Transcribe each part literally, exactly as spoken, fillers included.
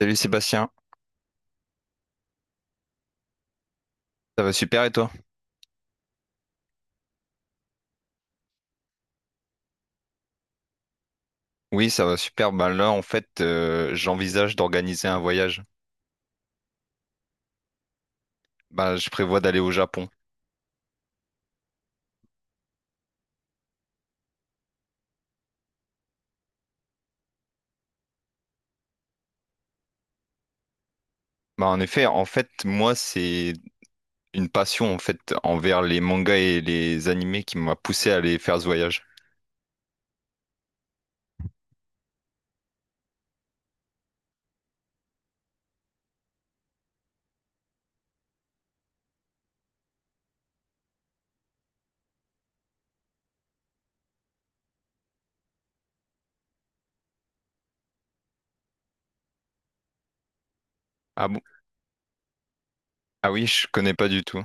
Salut Sébastien, ça va super et toi? Oui, ça va super. Ben là, en fait, euh, j'envisage d'organiser un voyage. Ben, je prévois d'aller au Japon. Ben, en effet, en fait, moi, c'est une passion en fait envers les mangas et les animés qui m'a poussé à aller faire ce voyage. Ah bon? Ah oui, je connais pas du tout.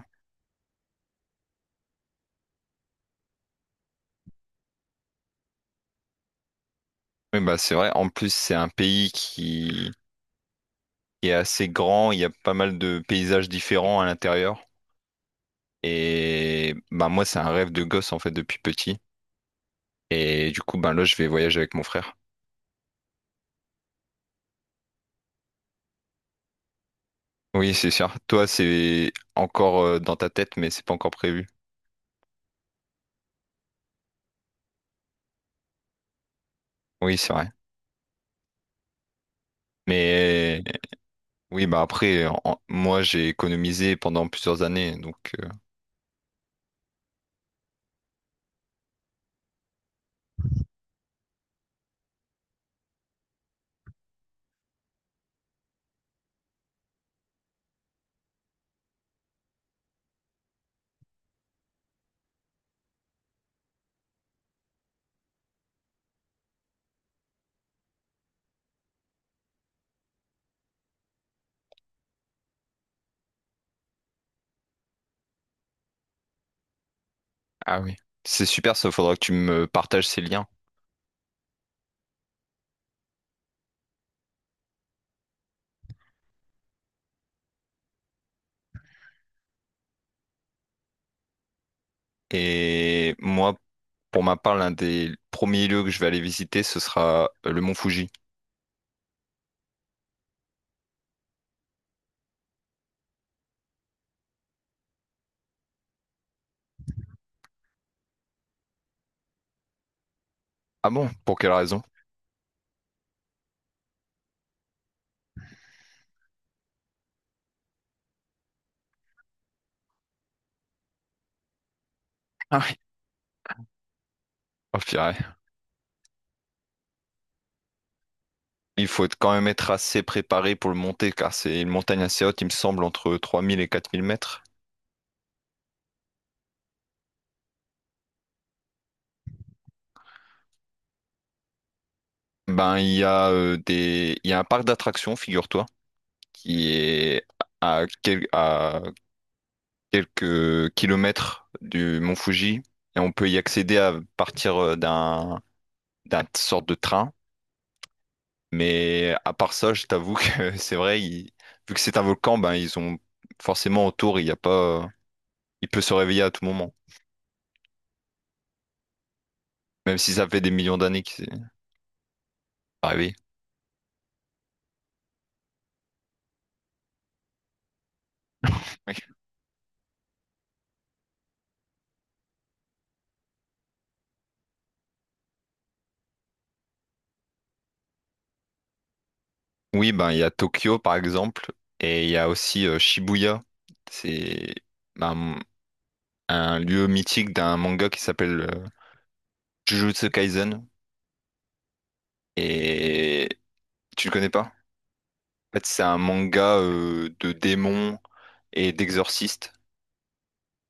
Oui, bah c'est vrai. En plus, c'est un pays qui qui est assez grand. Il y a pas mal de paysages différents à l'intérieur. Et ben moi, c'est un rêve de gosse en fait depuis petit. Et du coup, ben là, je vais voyager avec mon frère. Oui, c'est sûr. Toi, c'est encore euh, dans ta tête, mais c'est pas encore prévu. Oui, c'est vrai. Mais oui, bah après, en- moi, j'ai économisé pendant plusieurs années, donc euh, ah oui, c'est super. Ça, faudra que tu me partages ces liens. Et moi, pour ma part, l'un des premiers lieux que je vais aller visiter, ce sera euh, le mont Fuji. Ah bon? Pour quelle raison? Ah oui. Oh purée. Il faut être- quand même être assez préparé pour le monter, car c'est une montagne assez haute, il me semble, entre trois mille et quatre mille mètres. Ben, il y a euh, des, il y a un parc d'attractions, figure-toi, qui est à, quel- à quelques kilomètres du Mont Fuji et on peut y accéder à partir euh, d'un d'un sorte de train. Mais à part ça, je t'avoue que c'est vrai, il- vu que c'est un volcan, ben ils ont forcément autour, il y a pas, euh, il peut se réveiller à tout moment, même si ça fait des millions d'années qu'il s'est pas réveillé. Oui, oui, ben il y a Tokyo par exemple et il y a aussi euh, Shibuya. C'est ben, un lieu mythique d'un manga qui s'appelle euh, Jujutsu Kaisen. Et tu le connais pas? En fait, c'est un manga euh, de démons et d'exorcistes.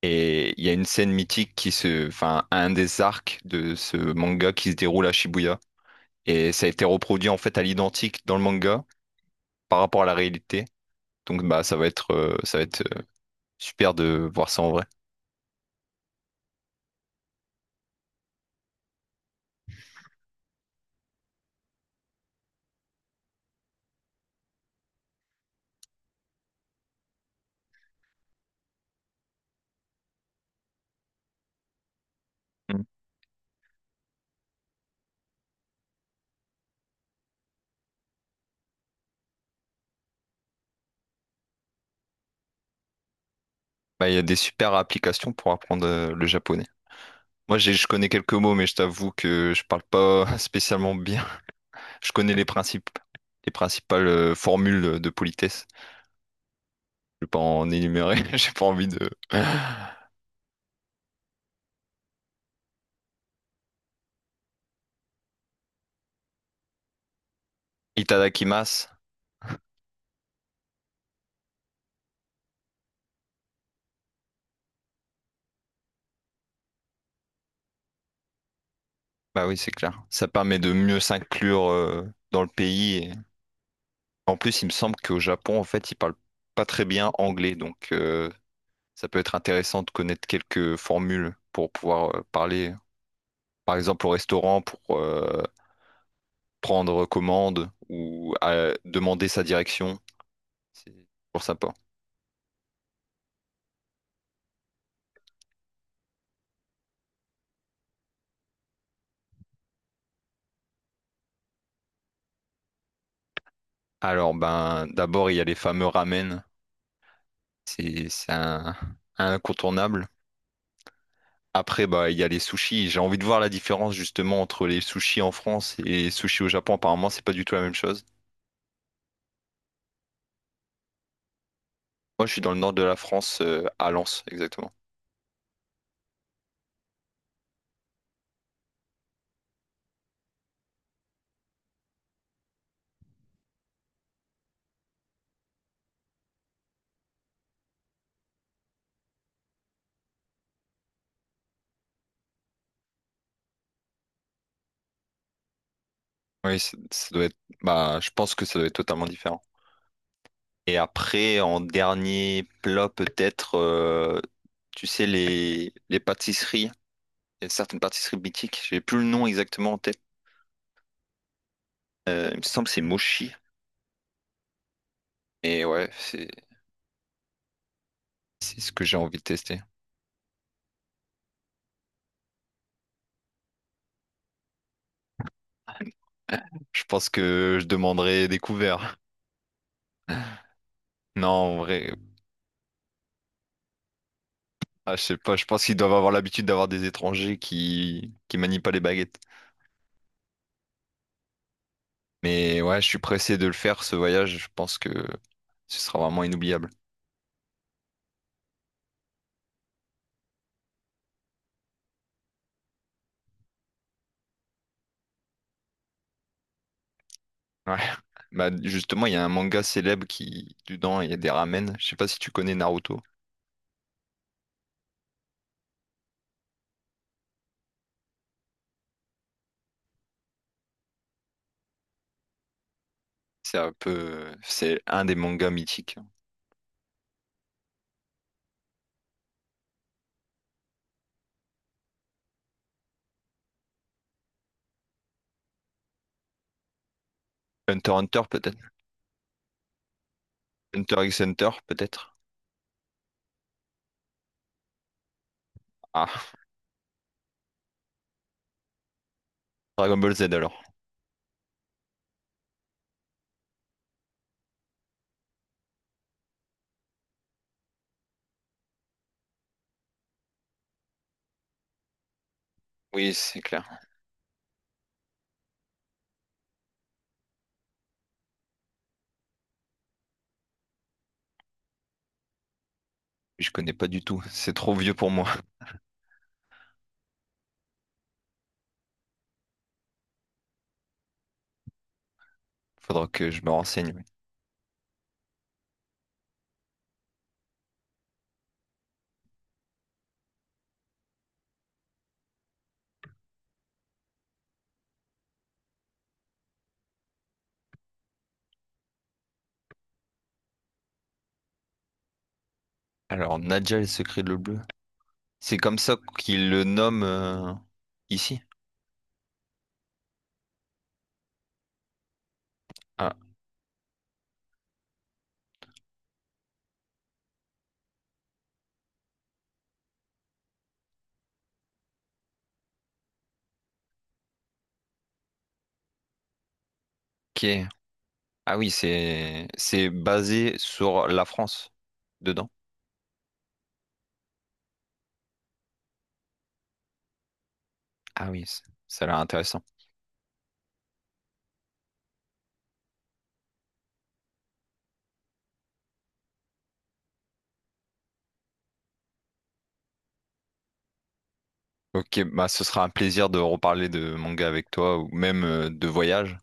Et il y a une scène mythique qui se, enfin, un des arcs de ce manga qui se déroule à Shibuya. Et ça a été reproduit en fait à l'identique dans le manga par rapport à la réalité. Donc bah ça va être, euh, ça va être euh, super de voir ça en vrai. Mm. Bah, il y a des super applications pour apprendre euh, le japonais. Moi, j'ai, je connais quelques mots, mais je t'avoue que je parle pas spécialement bien. Je connais les principes, les principales euh, formules de politesse. Je vais pas en énumérer. J'ai pas envie de. Itadakimasu. Bah oui, c'est clair. Ça permet de mieux s'inclure euh, dans le pays. Et En plus, il me semble qu'au Japon, en fait, ils parlent pas très bien anglais, donc euh, ça peut être intéressant de connaître quelques formules pour pouvoir euh, parler, par exemple, au restaurant pour euh, prendre commande ou euh, demander sa direction. C'est pour ça pas. Alors, ben, d'abord, il y a les fameux ramen. C'est c'est un, un incontournable. Après, bah, il y a les sushis. J'ai envie de voir la différence justement entre les sushis en France et les sushis au Japon. Apparemment, c'est pas du tout la même chose. Moi, je suis dans le nord de la France, euh, à Lens, exactement. Oui, ça ça doit être. Bah, je pense que ça doit être totalement différent. Et après, en dernier plat, peut-être, euh, tu sais, les, les pâtisseries. Il y a certaines pâtisseries mythiques. J'ai plus le nom exactement en tête. Euh, il me semble que c'est Mochi. Et ouais, c'est c'est ce que j'ai envie de tester. Je pense que je demanderai des couverts. Non, en vrai, ah, je sais pas, je pense qu'ils doivent avoir l'habitude d'avoir des étrangers qui qui manient pas les baguettes. Mais ouais, je suis pressé de le faire, ce voyage, je pense que ce sera vraiment inoubliable. Ouais. Bah, justement, il y a un manga célèbre qui, dedans, il y a des ramen. Je sais pas si tu connais Naruto. C'est un peu, c'est un des mangas mythiques. Hunter x Hunter, peut-être. Hunter x Hunter, peut-être. Ah, Dragon Ball Z alors. Oui, c'est clair. Je connais pas du tout. C'est trop vieux pour moi. Faudra que je me renseigne. oui. Alors, Nadja et le secret de l'eau bleue. C'est comme ça qu'ils le nomment euh, ici. Ah, ok. Ah oui, c'est c'est basé sur la France dedans. Ah oui, c- ça a l'air intéressant. Ok, bah ce sera un plaisir de reparler de manga avec toi ou même euh, de voyage.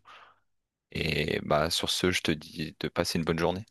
Et bah sur ce, je te dis de passer une bonne journée.